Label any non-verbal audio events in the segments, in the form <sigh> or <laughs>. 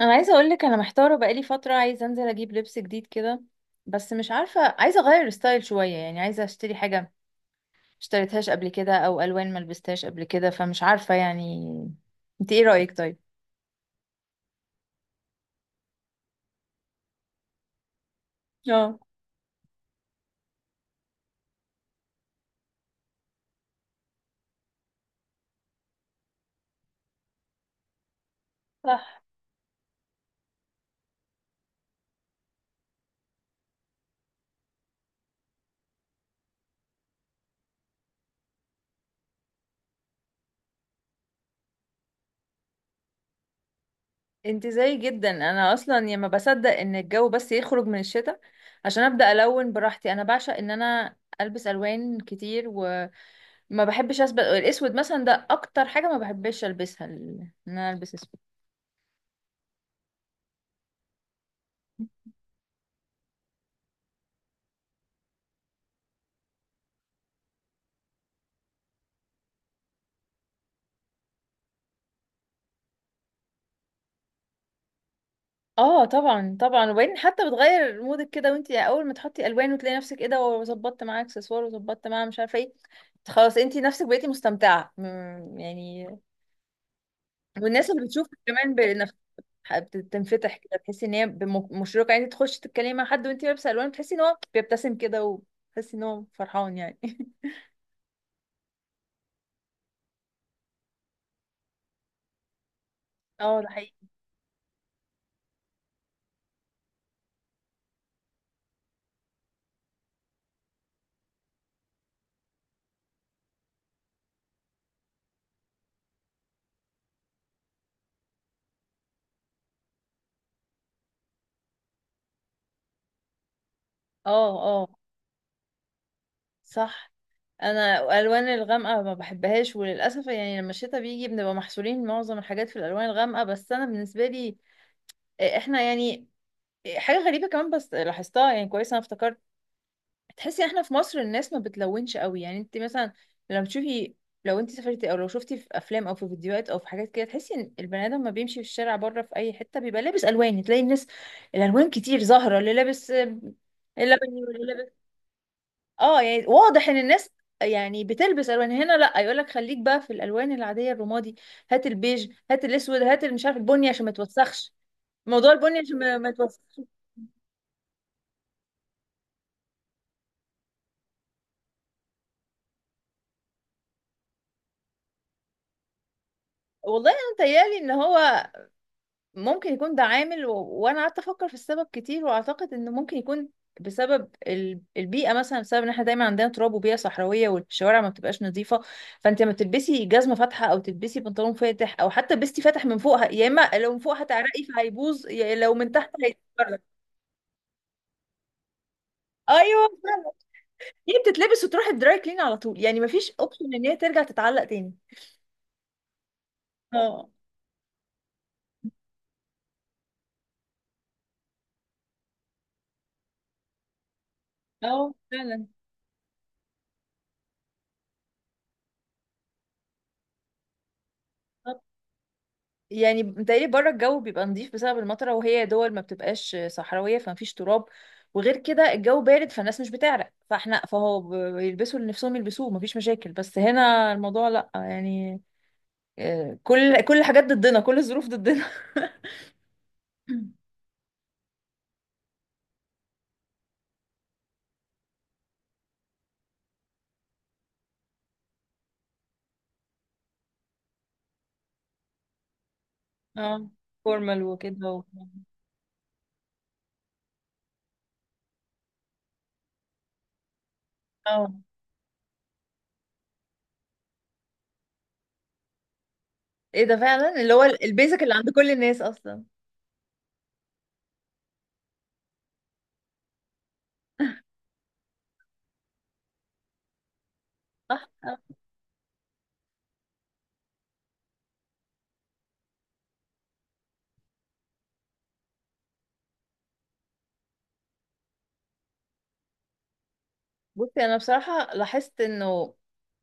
انا عايزه اقول لك انا محتاره بقالي فتره، عايزه انزل اجيب لبس جديد كده. بس مش عارفه، عايزه اغير ستايل شويه يعني. عايزه اشتري حاجه ما اشتريتهاش قبل كده او الوان ما لبستهاش قبل كده، فمش عارفه يعني. انت ايه رايك طيب؟ اه. صح. انت زي جدا، انا اصلا يا ما بصدق ان الجو بس يخرج من الشتاء عشان ابدا الون براحتي. انا بعشق ان انا البس الوان كتير وما بحبش اسبق الاسود مثلا. ده اكتر حاجه ما بحبش البسها، ان انا البس اسود. اه طبعا طبعا. وبعدين حتى بتغير مودك كده، وانتي اول ما تحطي الوان وتلاقي نفسك ايه ده، وظبطت معاه اكسسوار وظبطت معاه مش عارفه ايه، خلاص انتي نفسك بقيتي مستمتعه يعني. والناس اللي بتشوفك كمان بنفس بتنفتح كده، تحسي ان هي مشرقه يعني. تخشي تتكلمي مع حد وانتي لابسه الوان، بتحسي ان هو بيبتسم كده وتحسي ان هو فرحان يعني. <laughs> اه ده حقيقي. اه اه. صح. انا الالوان الغامقه ما بحبهاش، وللاسف يعني لما الشتاء بيجي بنبقى محصورين معظم الحاجات في الالوان الغامقه. بس انا بالنسبه لي، احنا يعني، حاجه غريبه كمان بس لاحظتها يعني كويس، انا افتكرت. تحسي احنا في مصر الناس ما بتلونش قوي يعني. انت مثلا لما تشوفي، لو انت سافرتي او لو شفتي في افلام او في فيديوهات او في حاجات كده، تحسي ان البني ادم ما بيمشي في الشارع بره في اي حته بيبقى لابس الوان. تلاقي الناس الالوان كتير ظاهره، اللي لابس اللبني واللي لابس. اه يعني واضح ان الناس يعني بتلبس الوان. هنا لا، يقول لك خليك بقى في الالوان العاديه، الرمادي، هات البيج، هات الاسود، هات اللي مش عارف، البني عشان ما توسخش. موضوع البني عشان ما توسخش. والله انا متهيألي ان هو ممكن يكون ده عامل، وانا قعدت افكر في السبب كتير، واعتقد انه ممكن يكون بسبب البيئه مثلا، بسبب ان احنا دايما عندنا تراب وبيئه صحراويه، والشوارع ما بتبقاش نظيفه. فانت لما تلبسي جزمه فاتحه او تلبسي بنطلون فاتح او حتى لبستي فاتح من فوقها، يا اما لو من فوق هتعرقي فهيبوظ، يا لو من تحت هيتفرج. ايوه فعلا. هي بتتلبس وتروح الدراي كلين على طول يعني، ما فيش اوبشن ان هي ترجع تتعلق تاني. اه. اه فعلا. يعني متهيألي بره الجو بيبقى نظيف بسبب المطره، وهي دول ما بتبقاش صحراويه فمفيش تراب، وغير كده الجو بارد فالناس مش بتعرق. فاحنا فهو بيلبسوا اللي نفسهم يلبسوه، مفيش مشاكل. بس هنا الموضوع لا يعني، كل الحاجات ضدنا، كل الظروف ضدنا. <laughs> اه. فورمال وكده اه. ايه ده فعلا، اللي هو البيزك اللي عند كل الناس اصلا. صح آه. بصي انا بصراحه لاحظت انه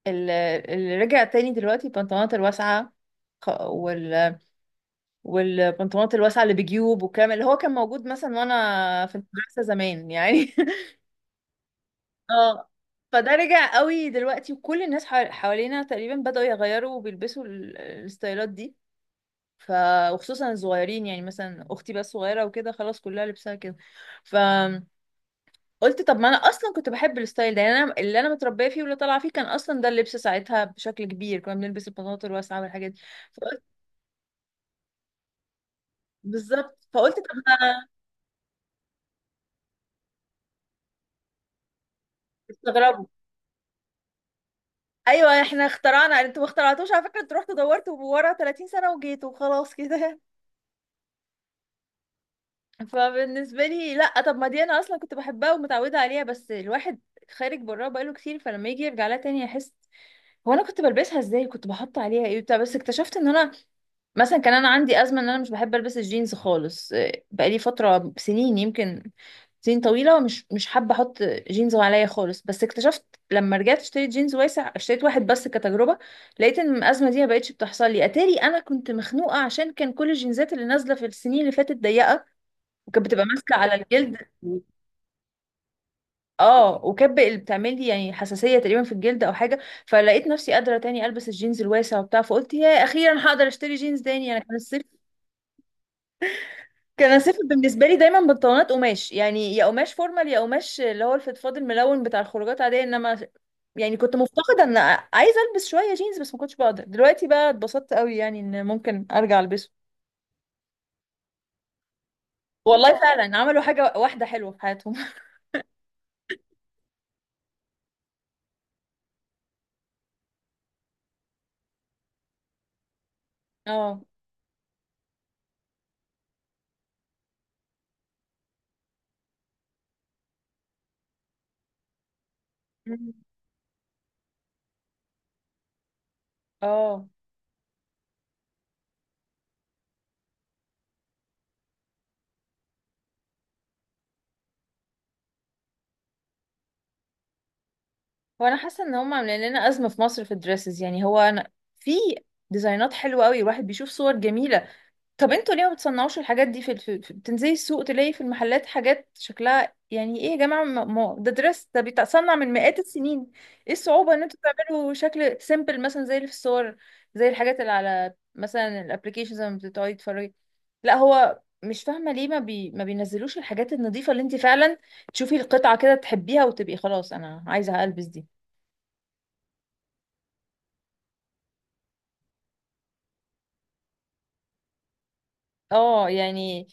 ال- اللي رجع تاني دلوقتي البنطلونات الواسعه، والبنطلونات الواسعة اللي بجيوب، والكلام اللي هو كان موجود مثلا وانا في المدرسة زمان يعني. <laughs> اه. فده رجع قوي دلوقتي، وكل الناس حوالينا تقريبا بدأوا يغيروا وبيلبسوا الستايلات دي. ف، وخصوصا الصغيرين، يعني مثلا اختي بقى صغيرة وكده خلاص كلها لبسها كده. فقلت طب ما انا اصلا كنت بحب الستايل ده يعني. انا اللي انا متربيه فيه واللي طالعه فيه كان اصلا ده اللبس ساعتها، بشكل كبير كنا بنلبس البناطيل الواسعه والحاجات دي. فقلت بالظبط، فقلت طب ما استغربوا. ايوه، احنا اخترعنا، انتوا ما اخترعتوش على فكره، انتوا رحتوا دورتوا ورا 30 سنه وجيتوا وخلاص كده. <laughs> فبالنسبه لي لا، طب ما دي انا اصلا كنت بحبها ومتعوده عليها، بس الواحد خارج براها بقاله كتير، فلما يجي يرجع لها تاني يحس هو انا كنت بلبسها ازاي، كنت بحط عليها ايه بتاع. بس اكتشفت ان انا مثلا كان انا عندي ازمه ان انا مش بحب البس الجينز خالص. بقالي فتره سنين يمكن، سنين طويله مش حابه احط جينز عليا خالص. بس اكتشفت لما رجعت اشتريت جينز واسع، اشتريت واحد بس كتجربه، لقيت ان الازمه دي ما بقتش بتحصل لي. اتاري انا كنت مخنوقه عشان كان كل الجينزات اللي نازله في السنين اللي فاتت ضيقه، وكانت بتبقى ماسكه على الجلد. اه، وكب اللي بتعمل لي يعني حساسيه تقريبا في الجلد او حاجه. فلقيت نفسي قادره تاني البس الجينز الواسع وبتاع، فقلت يا اخيرا هقدر اشتري جينز تاني. انا كان الصيف، كان الصيف بالنسبه لي دايما بنطلونات قماش، يعني يا قماش فورمال يا قماش اللي هو الفضفاض الملون بتاع الخروجات عاديه. انما يعني كنت مفتقده ان عايزه البس شويه جينز، بس ما كنتش بقدر. دلوقتي بقى اتبسطت قوي يعني ان ممكن ارجع البسه. والله فعلا عملوا حاجه واحده حلوه في حياتهم. <laughs> اه. اه. هو انا حاسه ان هم عاملين لنا ازمه في مصر في الدريسز يعني. هو انا في ديزاينات حلوه قوي الواحد بيشوف صور جميله. طب انتوا ليه ما بتصنعوش الحاجات دي في بتنزلي السوق تلاقي في المحلات حاجات شكلها يعني ايه يا جماعه، ده دريس ده بيتصنع من مئات السنين. ايه الصعوبه ان انتوا تعملوا شكل سيمبل مثلا زي اللي في الصور، زي الحاجات اللي على مثلا الابلكيشنز لما بتقعدي تتفرجي؟ لا، هو مش فاهمه ليه ما بينزلوش الحاجات النظيفه اللي انت فعلا تشوفي القطعه كده تحبيها وتبقي خلاص انا عايزه البس دي. اه يعني.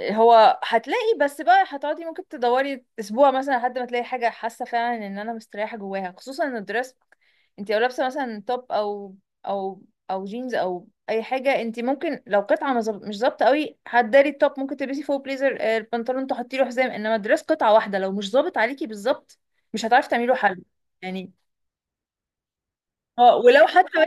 هو هتلاقي بس بقى، هتقعدي ممكن تدوري اسبوع مثلا لحد ما تلاقي حاجه حاسه فعلا ان انا مستريحه جواها، خصوصا ان الدرess. انت لو لابسه مثلا توب او او جينز او اي حاجه، انت ممكن لو قطعه مش ظابطه قوي، هتداري التوب، ممكن تلبسي فوق بليزر، البنطلون تحطي له حزام. انما الدرس قطعه واحده، لو مش ظابط عليكي بالظبط مش هتعرفي تعملي له حل يعني. اه ولو حتى.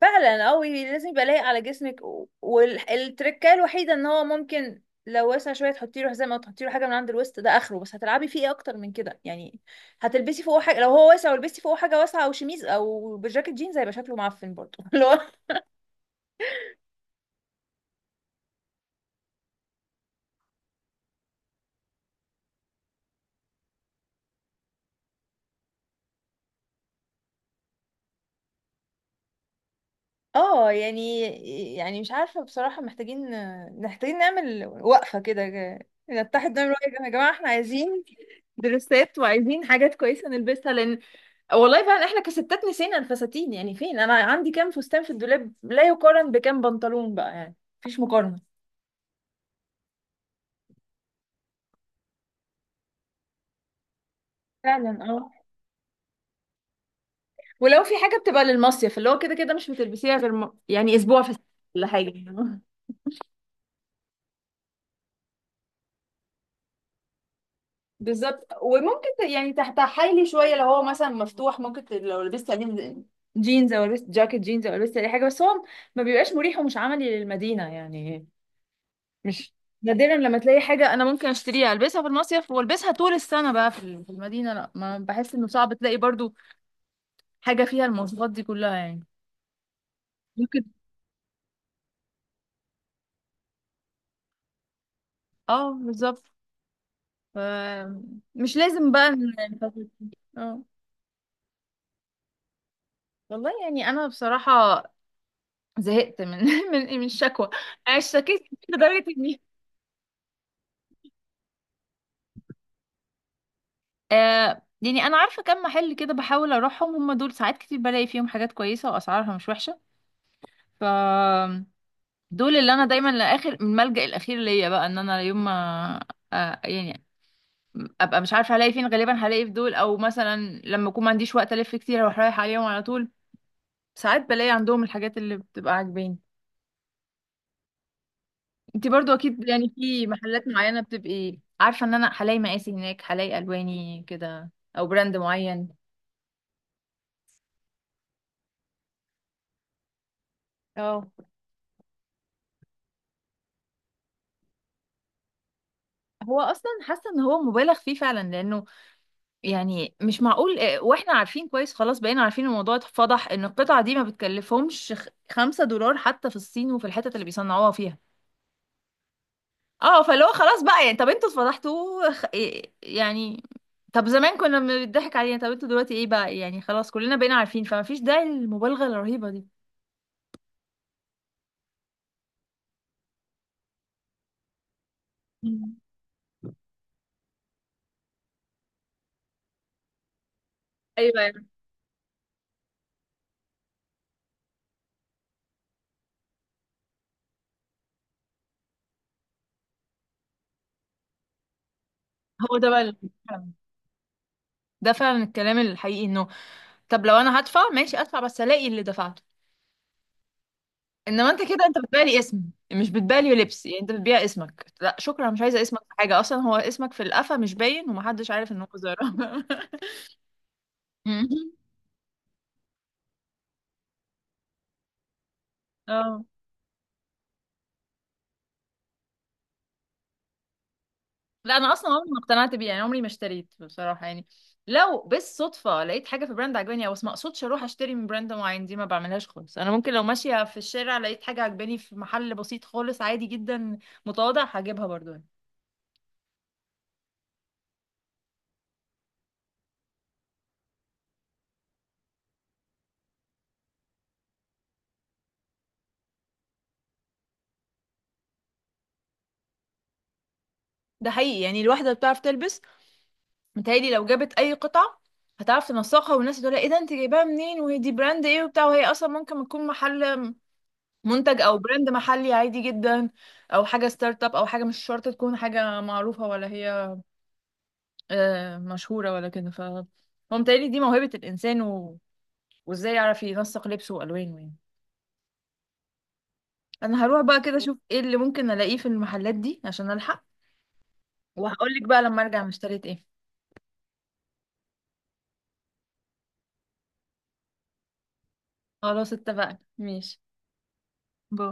فعلا قوي لازم يبقى لايق على جسمك. والتركه الوحيده ان هو ممكن لو واسع شويه تحطي له حزام او تحطي له حاجه من عند الوسط، ده اخره. بس هتلعبي فيه ايه اكتر من كده يعني؟ هتلبسي فوقه حاجه؟ لو هو واسع ولبستي فوقه حاجه واسعه او شميز او بجاكيت جينز هيبقى شكله معفن برضه. <laughs> اللي هو اه يعني، يعني مش عارفه بصراحه، محتاجين محتاجين نعمل وقفه كده. نتحد نعمل وقفه، يا جماعه احنا عايزين درسات، وعايزين حاجات كويسه نلبسها. لان والله فعلا احنا كستات نسينا الفساتين يعني. فين؟ انا عندي كام فستان في الدولاب لا يقارن بكام بنطلون بقى يعني، مفيش مقارنة. فعلا اه. ولو في حاجة بتبقى للمصيف اللي هو كده كده مش بتلبسيها غير يعني اسبوع في السنة ولا حاجة. <laughs> بالظبط. وممكن يعني تحت حيلي شويه لو هو مثلا مفتوح، ممكن لو لبست عليه جينز او لبست جاكيت جينز او لبست اي حاجة، بس هو ما بيبقاش مريح ومش عملي للمدينة يعني. مش نادرا لما تلاقي حاجة أنا ممكن أشتريها ألبسها في المصيف وألبسها طول السنة بقى في في المدينة. لا، ما بحس إنه صعب تلاقي برضو حاجة فيها المواصفات دي كلها يعني. ممكن. اه بالظبط. ف- مش لازم بقى <laughs> اه. والله يعني أنا بصراحة زهقت من <laughs> من الشكوى. أنا اشتكيت <laughs> لدرجة إني آه يعني، أنا عارفة كم محل كده بحاول أروحهم، هم دول ساعات كتير بلاقي فيهم حاجات كويسة وأسعارها مش وحشة. ف، دول اللي انا دايما لاخر الملجأ الاخير ليا بقى، ان انا يوم ما آه يعني ابقى مش عارفه هلاقي فين، غالبا هلاقي في دول، او مثلا لما اكون ما عنديش وقت الف كتير اروح رايح عليهم على طول. ساعات بلاقي عندهم الحاجات اللي بتبقى عاجباني. انتي برضو اكيد يعني في محلات معينه بتبقي عارفه ان انا هلاقي مقاسي هناك، هلاقي الواني كده، او براند معين. اه. هو اصلا حاسه ان هو مبالغ فيه فعلا، لانه يعني مش معقول. واحنا عارفين كويس، خلاص بقينا عارفين، الموضوع اتفضح ان القطعة دي ما بتكلفهمش 5 دولار حتى في الصين وفي الحتت اللي بيصنعوها فيها. اه فاللي هو خلاص بقى يعني، طب انتوا اتفضحتوا يعني، طب زمان كنا بنضحك علينا، طب انتوا دلوقتي ايه بقى يعني؟ خلاص كلنا بقينا عارفين، فما فيش داعي للمبالغة الرهيبة دي. <laughs> مم. ايوه يعني. هو ده بقى ده فعلا الكلام الحقيقي، انه طب لو انا هدفع ماشي ادفع، بس الاقي اللي دفعته. انما انت كده انت بتبيع لي اسم، مش بتبيع لي لبس يعني. انت بتبيع اسمك، لا شكرا مش عايزه اسمك في حاجه، اصلا هو اسمك في القفا مش باين، ومحدش عارف ان هو زهره. <laughs> اه. لا انا اصلا عمري ما اقتنعت بيه يعني، عمري ما اشتريت بصراحه يعني. لو بالصدفه لقيت حاجه في براند عجباني او، بس ما اقصدش اروح اشتري من براند معين، دي ما بعملهاش خالص. انا ممكن لو ماشيه في الشارع لقيت حاجه عجباني في محل بسيط خالص عادي جدا متواضع هجيبها برضو يعني. ده حقيقي يعني. الواحده بتعرف تلبس، متهيألي لو جابت اي قطعه هتعرف تنسقها، والناس تقول ايه ده انت جايباها منين وهي دي براند ايه وبتاع، وهي اصلا ممكن تكون محل منتج او براند محلي عادي جدا، او حاجه ستارت اب، او حاجه مش شرط تكون حاجه معروفه ولا هي مشهوره ولا كده. ف هو متهيألي دي موهبه الانسان، وازاي يعرف ينسق لبسه والوانه يعني. انا هروح بقى كده اشوف ايه اللي ممكن الاقيه في المحلات دي عشان الحق. وهقول لك بقى لما ارجع أنا اشتريت ايه. خلاص اتفقنا ماشي. باي.